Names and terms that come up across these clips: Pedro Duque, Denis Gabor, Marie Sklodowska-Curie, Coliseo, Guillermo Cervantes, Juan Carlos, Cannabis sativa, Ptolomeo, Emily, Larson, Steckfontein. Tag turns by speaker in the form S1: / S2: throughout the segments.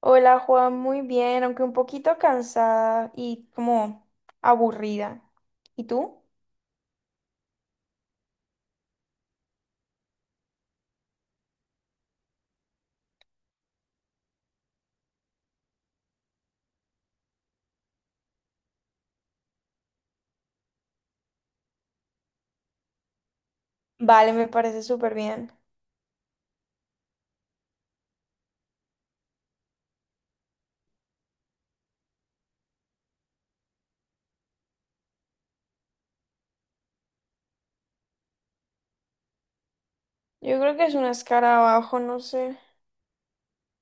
S1: Hola Juan, muy bien, aunque un poquito cansada y como aburrida. ¿Y tú? Vale, me parece súper bien. Yo creo que es un escarabajo, no sé,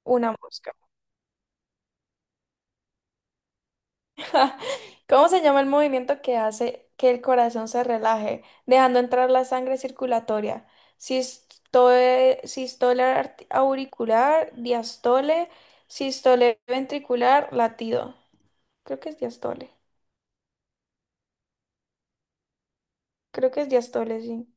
S1: una mosca. ¿Cómo se llama el movimiento que hace que el corazón se relaje, dejando entrar la sangre circulatoria? Sisto- Sistole, auricular, diastole, sistole ventricular, latido. Creo que es diastole. Creo que es diastole, sí.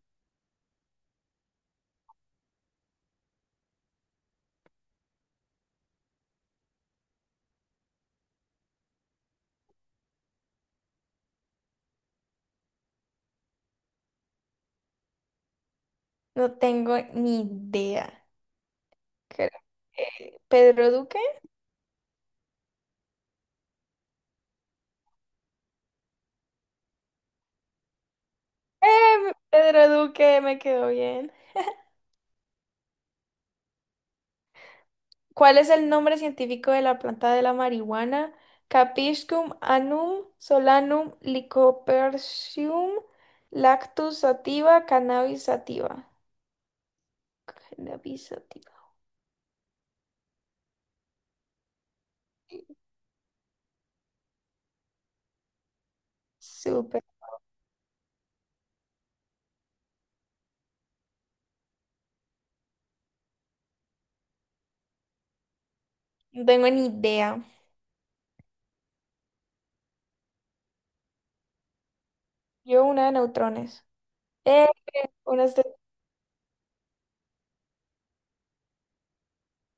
S1: No tengo ni idea. Creo que Pedro Duque. Pedro Duque, me quedó bien. ¿Cuál es el nombre científico de la planta de la marihuana? Capiscum annum solanum lycopersicum lactus sativa cannabis sativa. Cannabis sativa. Súper. No tengo ni idea. Yo una de neutrones. Eh, una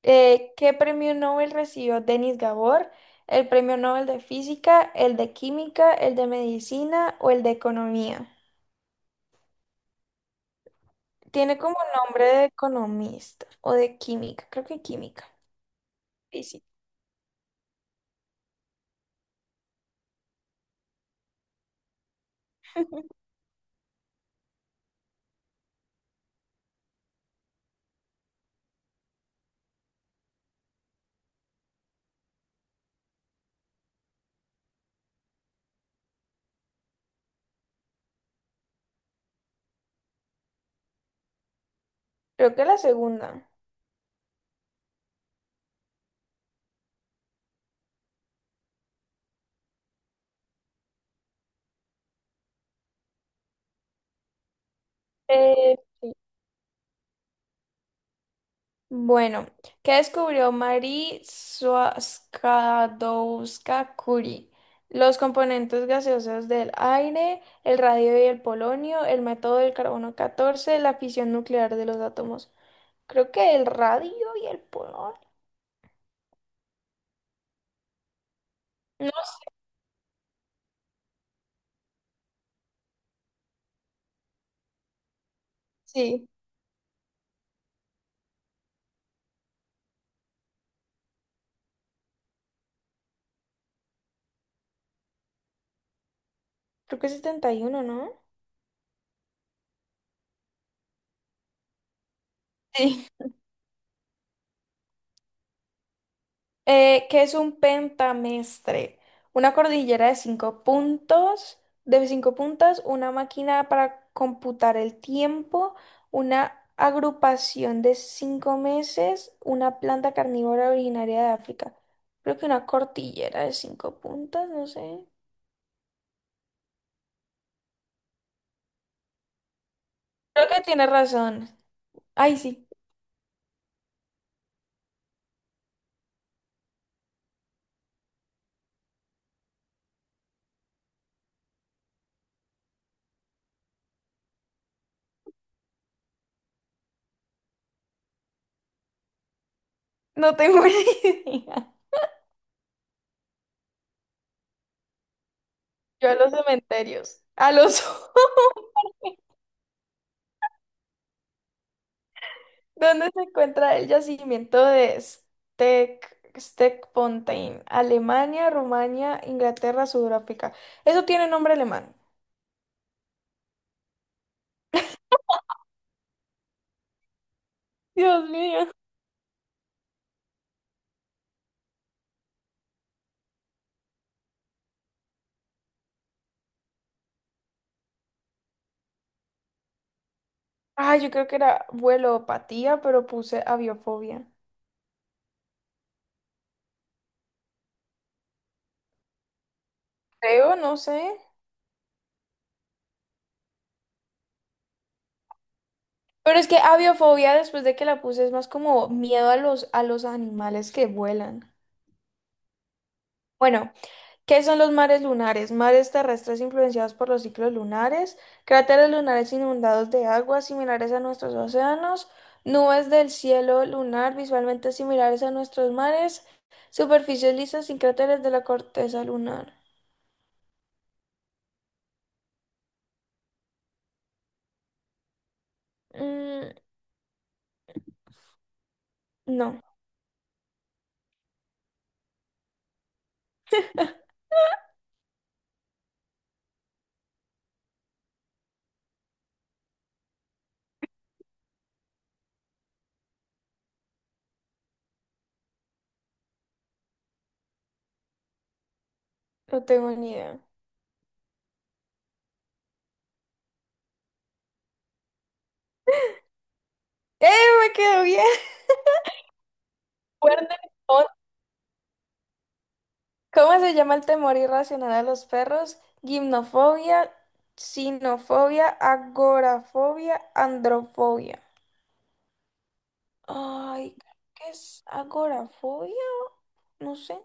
S1: ¿Qué premio Nobel recibió Denis Gabor? ¿El premio Nobel de Física, el de Química, el de Medicina o el de Economía? Tiene como nombre de economista o de química, creo que química, física, creo que la segunda. Eh, Bueno, ¿qué descubrió Marie Sklodowska-Curie? Los componentes gaseosos del aire, el radio y el polonio, el método del carbono 14, la fisión nuclear de los átomos. Creo que el radio y el polonio. No, sí, creo que es 71, ¿no? Sí. ¿Qué es un pentamestre? Una cordillera de cinco puntos, de cinco puntas, una máquina para computar el tiempo, una agrupación de cinco meses, una planta carnívora originaria de África. Creo que una cordillera de cinco puntas, no sé. Creo que tiene razón. Ay, sí, no tengo ni idea. Yo a los cementerios, a los ¿Dónde se encuentra el yacimiento de Steckfontein? Alemania, Rumania, Inglaterra, Sudáfrica. Eso tiene nombre alemán. Dios mío. Ah, yo creo que era vuelopatía, pero puse aviofobia. Creo, no sé. Pero es que aviofobia, después de que la puse, es más como miedo a los animales que vuelan. Bueno, ¿qué son los mares lunares? Mares terrestres influenciados por los ciclos lunares, cráteres lunares inundados de aguas similares a nuestros océanos, nubes del cielo lunar visualmente similares a nuestros mares, superficies lisas sin cráteres de la corteza lunar. Mm, no, no tengo ni idea. ¡Eh, me quedó bien! Cuerno de león. ¿Cómo se llama el temor irracional a los perros? Gimnofobia, sinofobia, agorafobia, androfobia. Ay, creo que es agorafobia, no sé,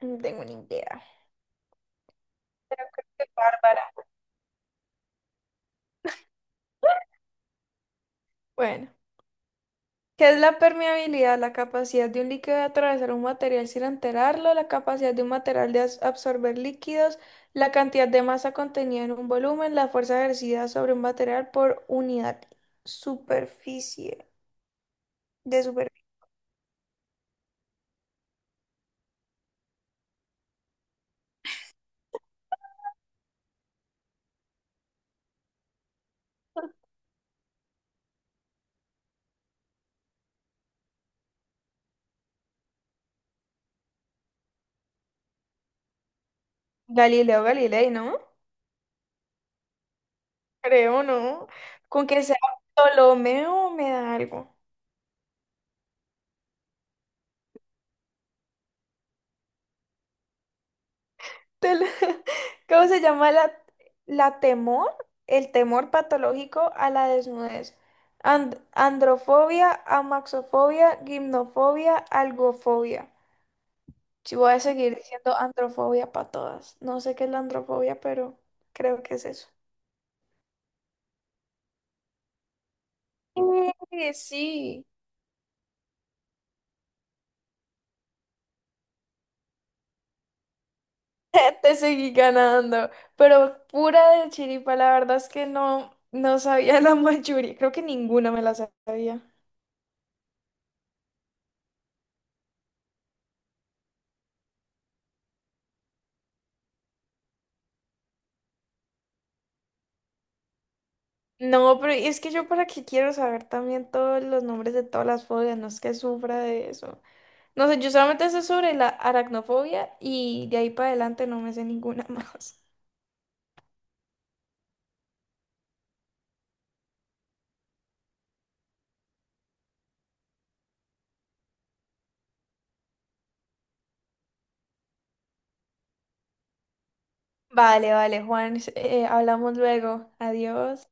S1: no tengo ni idea. Qué bárbara. Bueno, ¿qué es la permeabilidad? La capacidad de un líquido de atravesar un material sin enterarlo, la capacidad de un material de absorber líquidos, la cantidad de masa contenida en un volumen, la fuerza ejercida sobre un material por unidad superficie de superficie. Galileo Galilei, ¿no? Creo, ¿no? Con que sea Ptolomeo me da algo. Tel- ¿Cómo se llama la temor? El temor patológico a la desnudez. Androfobia, amaxofobia, gimnofobia, algofobia. Si voy a seguir diciendo androfobia para todas. No sé qué es la androfobia, pero creo que es eso. Sí, te seguí ganando. Pero pura de chiripa, la verdad es que no, no sabía la mayoría. Creo que ninguna me la sabía. No, pero es que yo para qué quiero saber también todos los nombres de todas las fobias, no es que sufra de eso. No sé, yo solamente sé sobre la aracnofobia y de ahí para adelante no me sé ninguna más. Vale, vale, Juan, hablamos luego. Adiós.